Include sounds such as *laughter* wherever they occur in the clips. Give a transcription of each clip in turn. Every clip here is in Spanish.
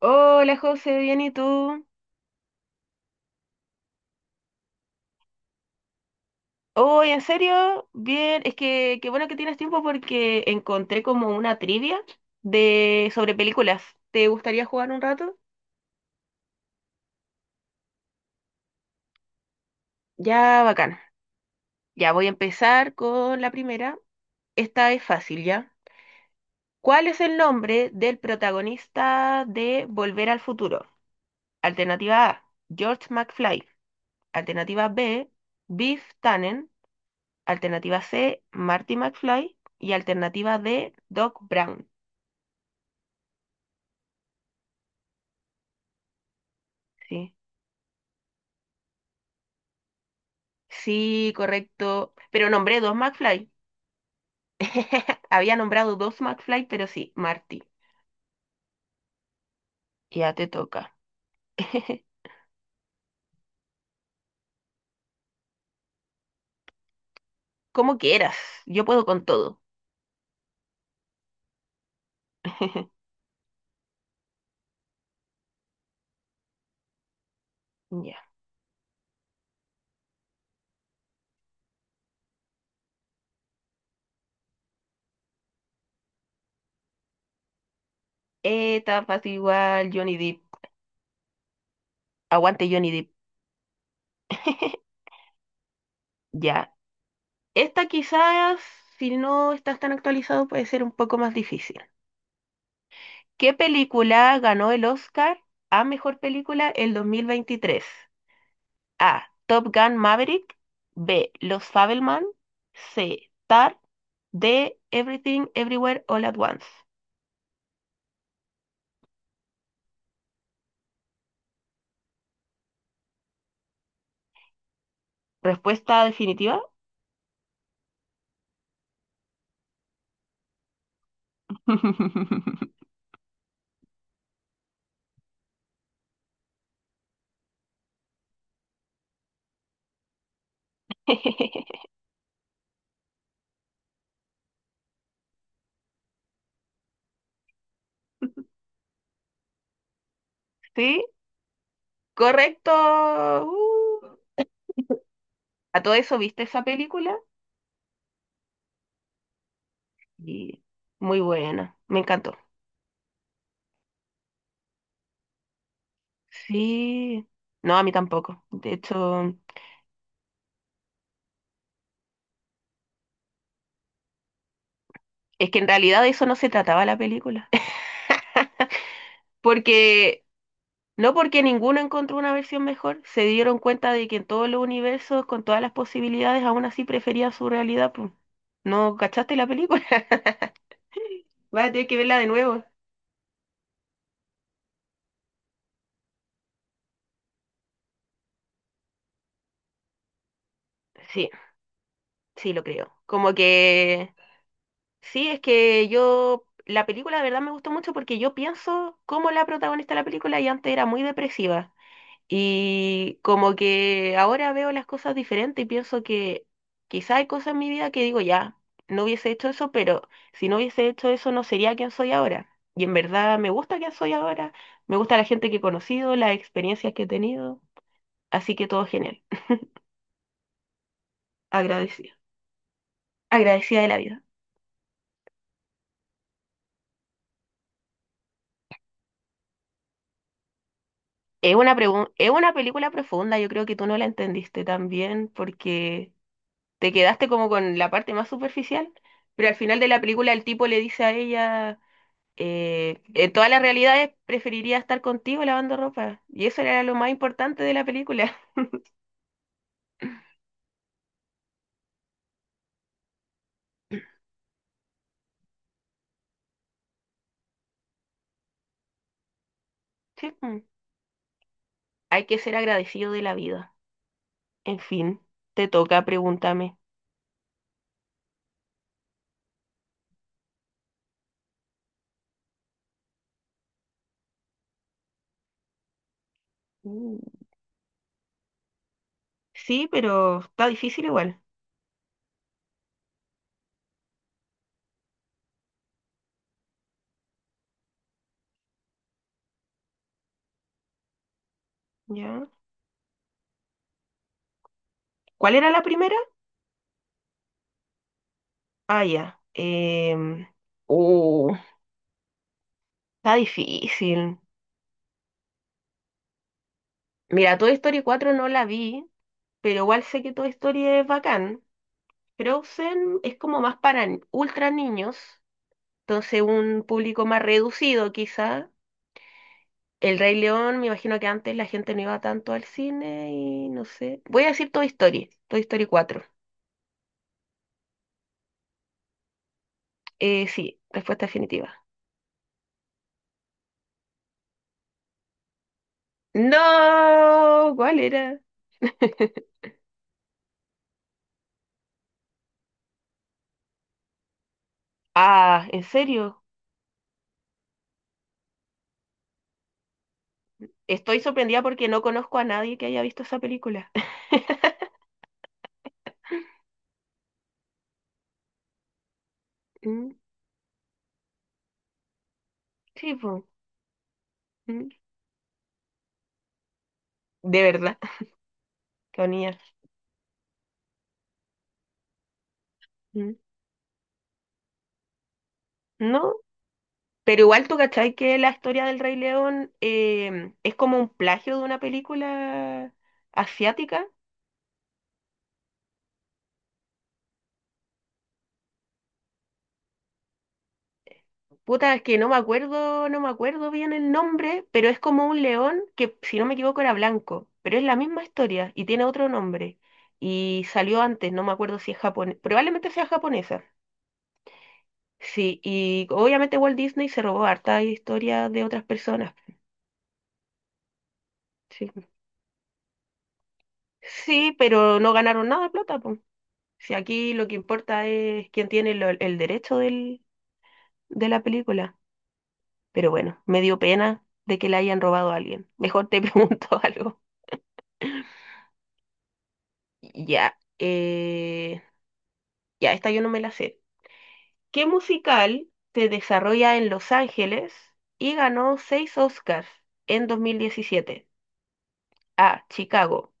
Hola José, bien, ¿y tú? Hoy, ¿en serio? Bien, es que qué bueno que tienes tiempo porque encontré como una trivia de sobre películas. ¿Te gustaría jugar un rato? Ya, bacán. Ya voy a empezar con la primera. Esta es fácil, ¿ya? ¿Cuál es el nombre del protagonista de Volver al Futuro? Alternativa A, George McFly. Alternativa B, Biff Tannen. Alternativa C, Marty McFly. Y alternativa D, Doc Brown. Sí. Sí, correcto. Pero nombré dos McFly. *laughs* Había nombrado dos McFly, pero sí, Marty. Ya te toca. *laughs* Como quieras. Yo puedo con todo. *laughs* Ya. Esta fácil igual, Johnny Depp. Aguante Johnny Depp. *laughs* Ya. Esta quizás, si no estás tan actualizado, puede ser un poco más difícil. ¿Qué película ganó el Oscar a mejor película el 2023? A. Top Gun Maverick. B. Los Fabelman. C. Tar. D. Everything Everywhere All at Once. Respuesta definitiva. *laughs* Sí, correcto. Uh. A todo eso, ¿viste esa película? Y muy buena, me encantó. Sí, no, a mí tampoco. De hecho, es que en realidad de eso no se trataba la película. *laughs* Porque no porque ninguno encontró una versión mejor, se dieron cuenta de que en todos los universos, con todas las posibilidades, aún así prefería su realidad, pues. ¿No cachaste la película? *laughs* Vas a tener que verla de nuevo. Sí, sí, lo creo. Como que sí, es que yo la película de verdad me gustó mucho porque yo pienso como la protagonista de la película y antes era muy depresiva. Y como que ahora veo las cosas diferentes y pienso que quizá hay cosas en mi vida que digo, ya, no hubiese hecho eso, pero si no hubiese hecho eso no sería quien soy ahora. Y en verdad me gusta quien soy ahora, me gusta la gente que he conocido, las experiencias que he tenido, así que todo genial. Agradecida. Agradecida de la vida. Es una película profunda, yo creo que tú no la entendiste tan bien porque te quedaste como con la parte más superficial, pero al final de la película el tipo le dice a ella... en todas las realidades preferiría estar contigo lavando ropa. Y eso era lo más importante de la película. *laughs* Sí, mm. Hay que ser agradecido de la vida. En fin, te toca, pregúntame. Mm. Sí, pero está difícil igual. ¿Ya? ¿Cuál era la primera? Ah, ya. Uh, Está difícil. Mira, Toy Story 4 no la vi, pero igual sé que Toy Story es bacán. Frozen es como más para ultra niños. Entonces, un público más reducido, quizá. El Rey León, me imagino que antes la gente no iba tanto al cine y no sé. Voy a decir Toy Story, Toy Story cuatro. Sí, respuesta definitiva. No, ¿cuál era? *laughs* Ah, ¿en serio? Estoy sorprendida porque no conozco a nadie que haya visto esa película. *laughs* Mm. Sí, po. Mm. De verdad, *laughs* qué bonita. Mm. No. Pero igual tú cachai que la historia del Rey León es como un plagio de una película asiática. Puta, es que no me acuerdo, no me acuerdo bien el nombre, pero es como un león que, si no me equivoco, era blanco, pero es la misma historia y tiene otro nombre. Y salió antes, no me acuerdo si es japonés, probablemente sea japonesa. Sí, y obviamente Walt Disney se robó harta historia de otras personas. Sí, sí, pero no ganaron nada de plata. Si aquí lo que importa es quién tiene el derecho de la película. Pero bueno, me dio pena de que le hayan robado a alguien. Mejor te *laughs* pregunto algo. Ya, ya, esta yo no me la sé. ¿Qué musical se desarrolla en Los Ángeles y ganó seis Oscars en 2017? A. Chicago.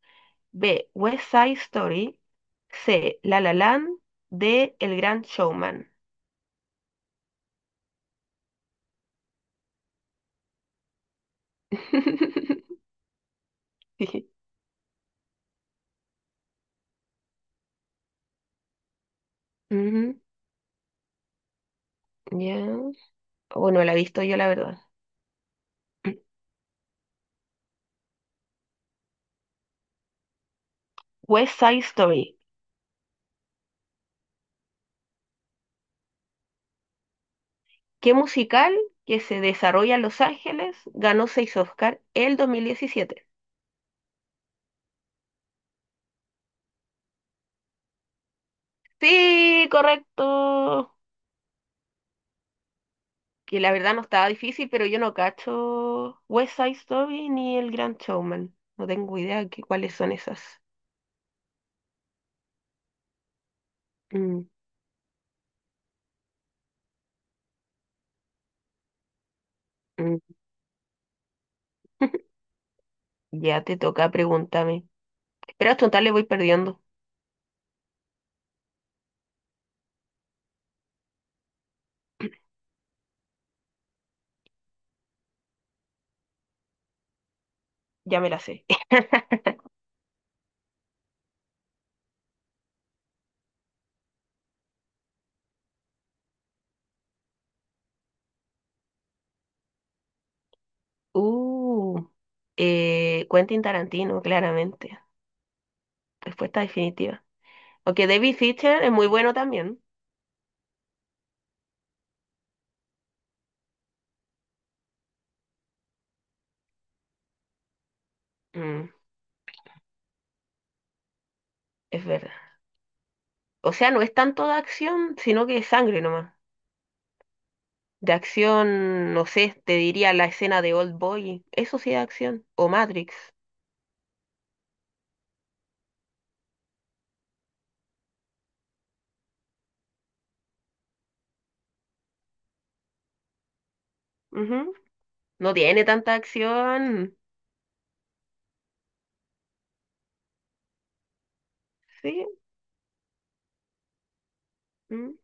B. West Side Story. C. La La Land. D. El Gran Showman. *laughs* Sí. Ujú. Ya. O no la he visto yo, la verdad. West Side Story. ¿Qué musical que se desarrolla en Los Ángeles ganó seis Oscar el dos mil diecisiete? Sí, correcto. Que la verdad no estaba difícil, pero yo no cacho West Side Story ni El Gran Showman. No tengo idea de cuáles son esas. Mm, mm. *laughs* Ya te toca, pregúntame. Pero hasta total le voy perdiendo. Ya me la sé. *laughs* Uh, Quentin Tarantino, claramente. Respuesta definitiva. O David Fincher es muy bueno también. Mm, es verdad. O sea, no es tanto de acción, sino que es sangre nomás. De acción, no sé, te diría la escena de Old Boy. Eso sí es acción. O Matrix. Ujú. No tiene tanta acción. Sí, mm.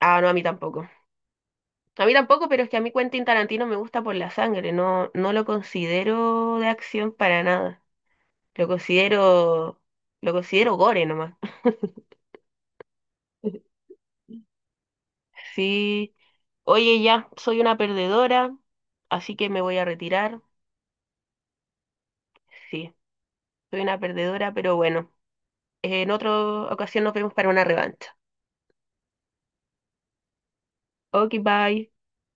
Ah, no, a mí tampoco. A mí tampoco, pero es que a mí Quentin Tarantino me gusta por la sangre. No, no lo considero de acción para nada. Lo considero, lo considero gore nomás. *laughs* Sí. Oye, ya, soy una perdedora, así que me voy a retirar. Sí, soy una perdedora, pero bueno, en otra ocasión nos vemos para una revancha. Ok, bye.